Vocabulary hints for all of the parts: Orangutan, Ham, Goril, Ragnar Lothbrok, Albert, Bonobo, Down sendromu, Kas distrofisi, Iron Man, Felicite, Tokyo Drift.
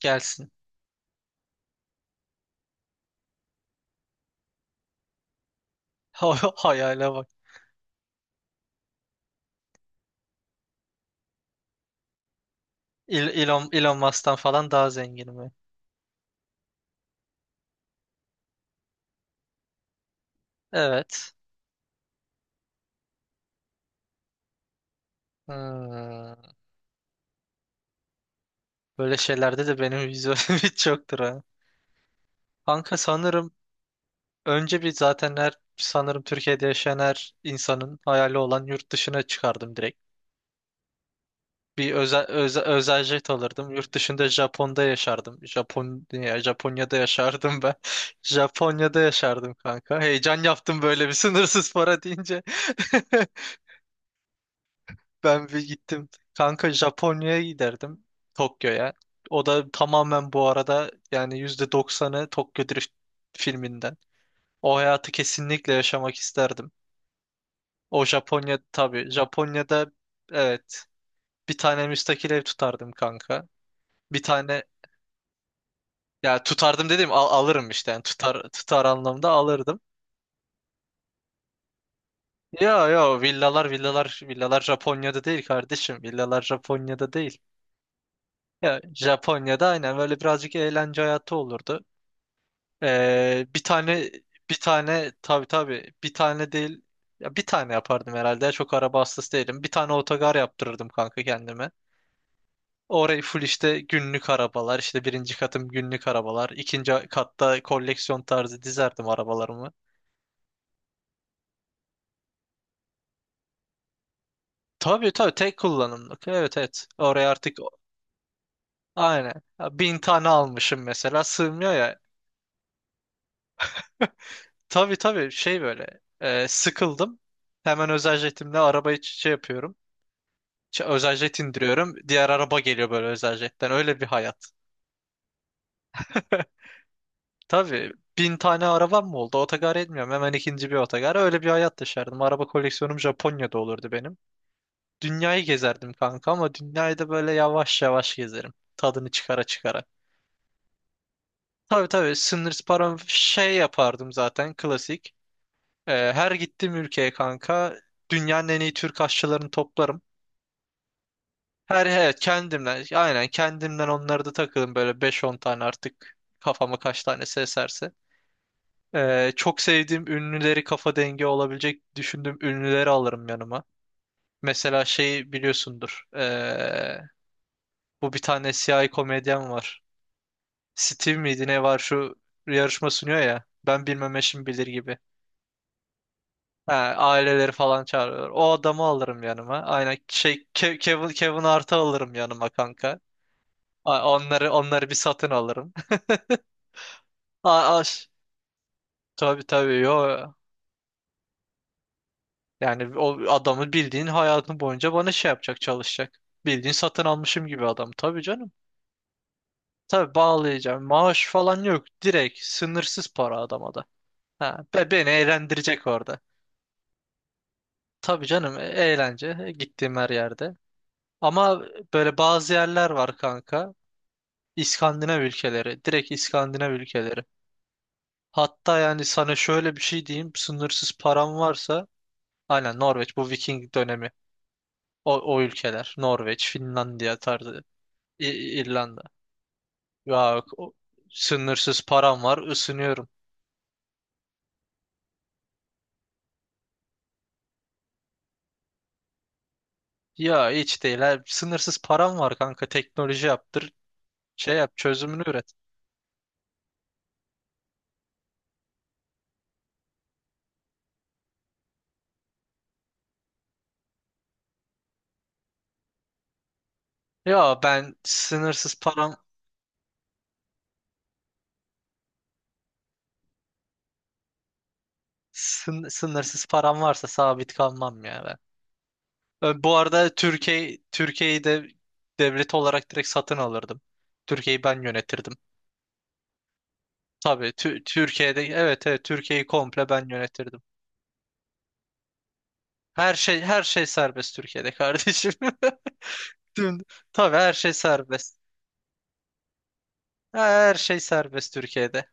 Gelsin. O hayale bak. Elon Musk'tan falan daha zenginim ben. Evet. Hmm. Böyle şeylerde de benim vizyonum hiç yoktur ha. Kanka sanırım önce bir zaten her sanırım Türkiye'de yaşayan her insanın hayali olan yurt dışına çıkardım direkt. Bir özel jet alırdım. Yurt dışında Japon'da yaşardım. Japonya'da yaşardım ben. Japonya'da yaşardım kanka. Heyecan yaptım böyle bir sınırsız para deyince. Ben bir gittim. Kanka Japonya'ya giderdim. Tokyo'ya. O da tamamen bu arada yani yüzde doksanı Tokyo Drift filminden. O hayatı kesinlikle yaşamak isterdim. O Japonya tabii. Japonya'da evet bir tane müstakil ev tutardım kanka. Bir tane ya tutardım dedim, alırım işte, yani tutar tutar anlamda alırdım. Ya villalar villalar villalar Japonya'da değil kardeşim. Villalar Japonya'da değil. Ya Japonya'da aynen böyle birazcık eğlence hayatı olurdu. Ee, bir tane bir tane tabii tabii bir tane değil, ya bir tane yapardım herhalde. Ya, çok araba hastası değilim. Bir tane otogar yaptırırdım kanka kendime. Orayı full işte günlük arabalar, işte birinci katım günlük arabalar. İkinci katta koleksiyon tarzı dizerdim arabalarımı. Tabii tabii tek kullanımlık. Evet evet. Oraya artık aynen. Ya, bin tane almışım mesela, sığmıyor ya. Tabii tabii şey böyle, sıkıldım. Hemen özel jetimle arabayı şey yapıyorum. Özel jet indiriyorum. Diğer araba geliyor böyle özel jetten. Öyle bir hayat. Tabii bin tane arabam mı oldu? Otogar etmiyorum. Hemen ikinci bir otogar. Öyle bir hayat yaşardım. Araba koleksiyonum Japonya'da olurdu benim. Dünyayı gezerdim kanka, ama dünyayı da böyle yavaş yavaş gezerim. Tadını çıkara çıkara. Tabii tabii sınır param şey yapardım zaten klasik. Her gittiğim ülkeye kanka dünyanın en iyi Türk aşçılarını toplarım. Her evet kendimden aynen kendimden, onları da takılın böyle beş on tane, artık kafama kaç tanesi eserse. Çok sevdiğim ünlüleri, kafa dengi olabilecek düşündüğüm ünlüleri alırım yanıma. Mesela şey biliyorsundur. Bu bir tane siyahi komedyen var. Steve miydi ne var, şu yarışma sunuyor ya. Ben bilmem, eşim bilir gibi. Ha, aileleri falan çağırıyorlar. O adamı alırım yanıma. Aynen şey, Kevin Hart'ı alırım yanıma kanka. Onları bir satın alırım. A- As tabii tabii yo. Yani o adamı bildiğin hayatın boyunca bana şey yapacak, çalışacak. Bildiğin satın almışım gibi adam. Tabii canım. Tabii bağlayacağım. Maaş falan yok. Direkt sınırsız para adama da. Ha, beni eğlendirecek orada. Tabii canım, eğlence, gittiğim her yerde. Ama böyle bazı yerler var kanka. İskandinav ülkeleri. Direkt İskandinav ülkeleri. Hatta yani sana şöyle bir şey diyeyim. Sınırsız param varsa aynen Norveç, bu Viking dönemi. O ülkeler. Norveç, Finlandiya tarzı. İrlanda. Ya sınırsız param var, ısınıyorum. Ya hiç değil, ha. Sınırsız param var kanka. Teknoloji yaptır. Şey yap, çözümünü üret. Ya ben sınırsız param sın- Sınırsız param varsa sabit kalmam ya ben. Bu arada Türkiye'yi de devlet olarak direkt satın alırdım. Türkiye'yi ben yönetirdim. Tabii Türkiye'de, evet evet, Türkiye'yi komple ben yönetirdim. Her şey serbest Türkiye'de kardeşim. Tüm- Tabii her şey serbest. Her şey serbest Türkiye'de.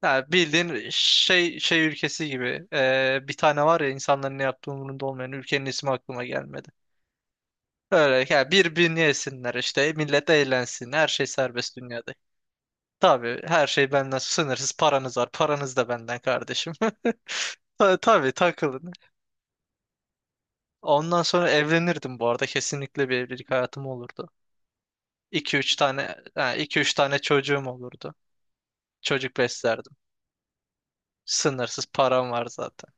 Ha, bildiğin şey ülkesi gibi. Bir tane var ya, insanların ne yaptığı umurunda olmayan, ülkenin ismi aklıma gelmedi. Öyle ya, birbirini yesinler, işte millet eğlensin, her şey serbest dünyada. Tabii her şey benden, sınırsız paranız var, paranız da benden kardeşim. Tabii takılın. Ondan sonra evlenirdim bu arada, kesinlikle bir evlilik hayatım olurdu. 2 üç tane, ha, 2-3 tane çocuğum olurdu. Çocuk beslerdim. Sınırsız param var zaten.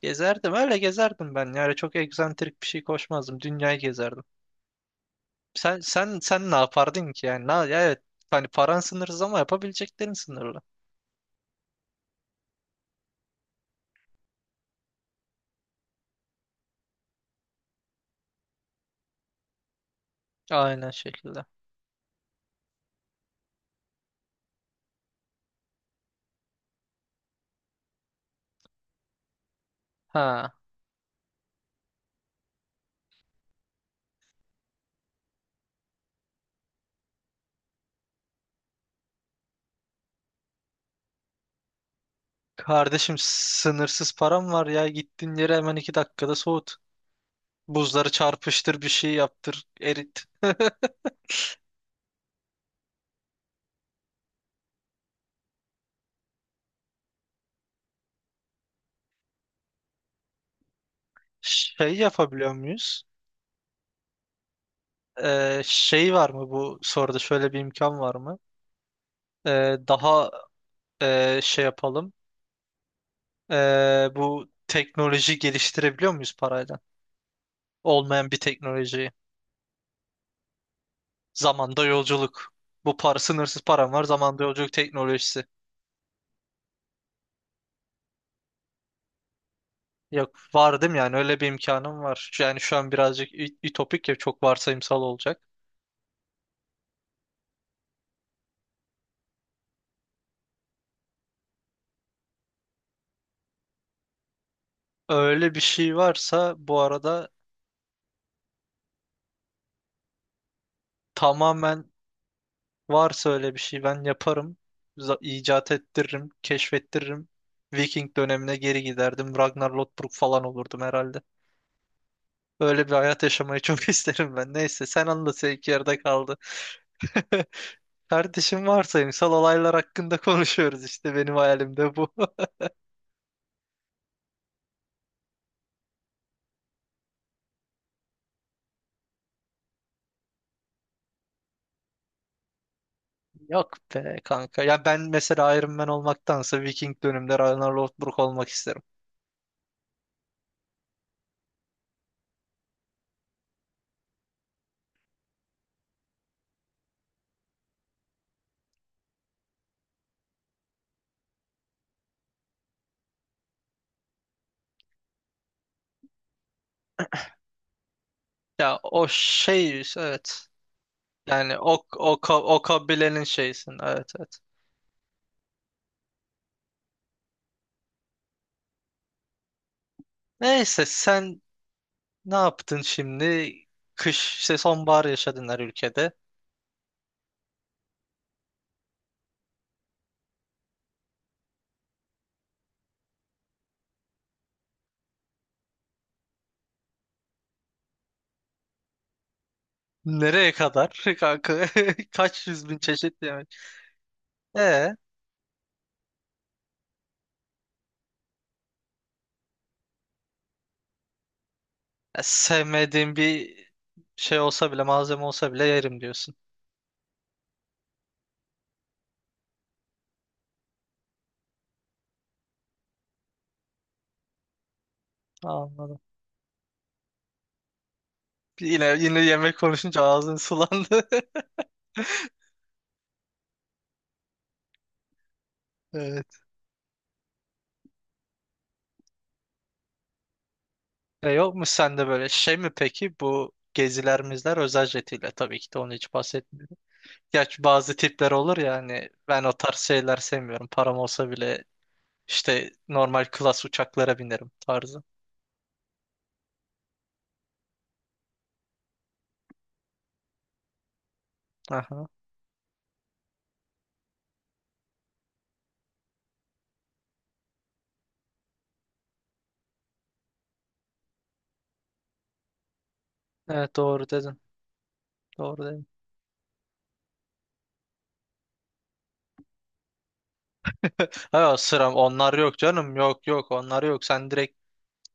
Gezerdim, öyle gezerdim ben. Yani çok egzantrik bir şey koşmazdım. Dünyayı gezerdim. Sen ne yapardın ki yani? Ya evet, hani paran sınırsız ama yapabileceklerin sınırlı. Aynen şekilde. Ha. Kardeşim sınırsız param var ya. Gittiğin yere hemen iki dakikada soğut. Buzları çarpıştır, bir şey yaptır, erit. Şey yapabiliyor muyuz? Şey var mı, bu soruda şöyle bir imkan var mı? Daha, şey yapalım. Bu teknoloji geliştirebiliyor muyuz parayla? Olmayan bir teknolojiyi. Zamanda yolculuk. Bu para, sınırsız param var. Zamanda yolculuk teknolojisi. Yok, var değil mi yani, öyle bir imkanım var. Yani şu an birazcık ütopik, ya çok varsayımsal olacak. Öyle bir şey varsa bu arada tamamen. Varsa öyle bir şey ben yaparım. İcat ettiririm, keşfettiririm. Viking dönemine geri giderdim. Ragnar Lothbrok falan olurdum herhalde. Öyle bir hayat yaşamayı çok isterim ben. Neyse sen anlat, seninki yerde kaldı. Kardeşim, varsayımsal olaylar hakkında konuşuyoruz, işte benim hayalimde bu. Yok be kanka. Ya ben mesela Iron Man olmaktansa Viking döneminde Ragnar Lothbrok olmak isterim. Ya o şey, evet. Yani o kabilenin şeysin. Evet evet. Neyse sen, ne yaptın şimdi? Kış, işte sonbahar yaşadın her ülkede. Nereye kadar kanka? Kaç yüz bin çeşit yemek. E, e, sevmediğin bir şey olsa bile, malzeme olsa bile yerim diyorsun. Anladım. Yine yine yemek konuşunca ağzın sulandı. Evet. Yok mu sende böyle şey mi peki, bu geziler mizler özel jetiyle tabii ki de, onu hiç bahsetmiyorum. Gerçi bazı tipler olur ya, hani ben o tarz şeyler sevmiyorum, param olsa bile. İşte normal klas uçaklara binerim tarzı. Aha. Evet, doğru dedin. Doğru dedin. Ha, sıram onlar yok canım. Yok yok, onlar yok. Sen direkt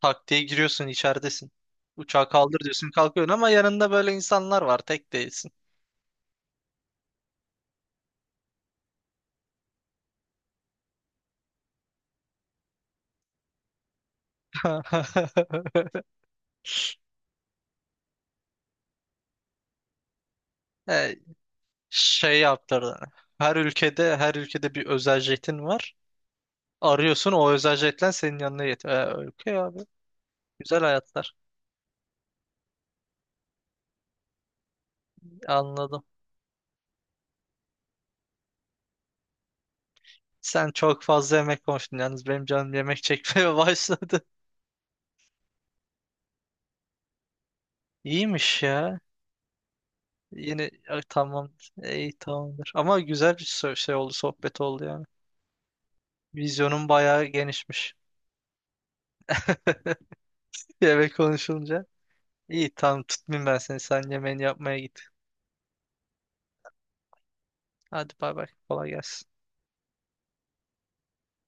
tak diye giriyorsun, içeridesin. Uçağı kaldır diyorsun, kalkıyorsun, ama yanında böyle insanlar var. Tek değilsin. E, şey yaptırdı. Her ülkede bir özel jetin var. Arıyorsun, o özel jetle senin yanına yetiyor. Okey abi. Güzel hayatlar. Anladım. Sen çok fazla yemek konuştun. Yalnız benim canım yemek çekmeye başladı. İyiymiş ya. Yine ay, tamam. İyi, tamamdır. Ama güzel bir şey oldu, sohbet oldu yani. Vizyonun bayağı genişmiş. Yemek konuşulunca. İyi tamam, tutmayayım ben seni. Sen yemeğini yapmaya git. Hadi bay bay. Kolay gelsin.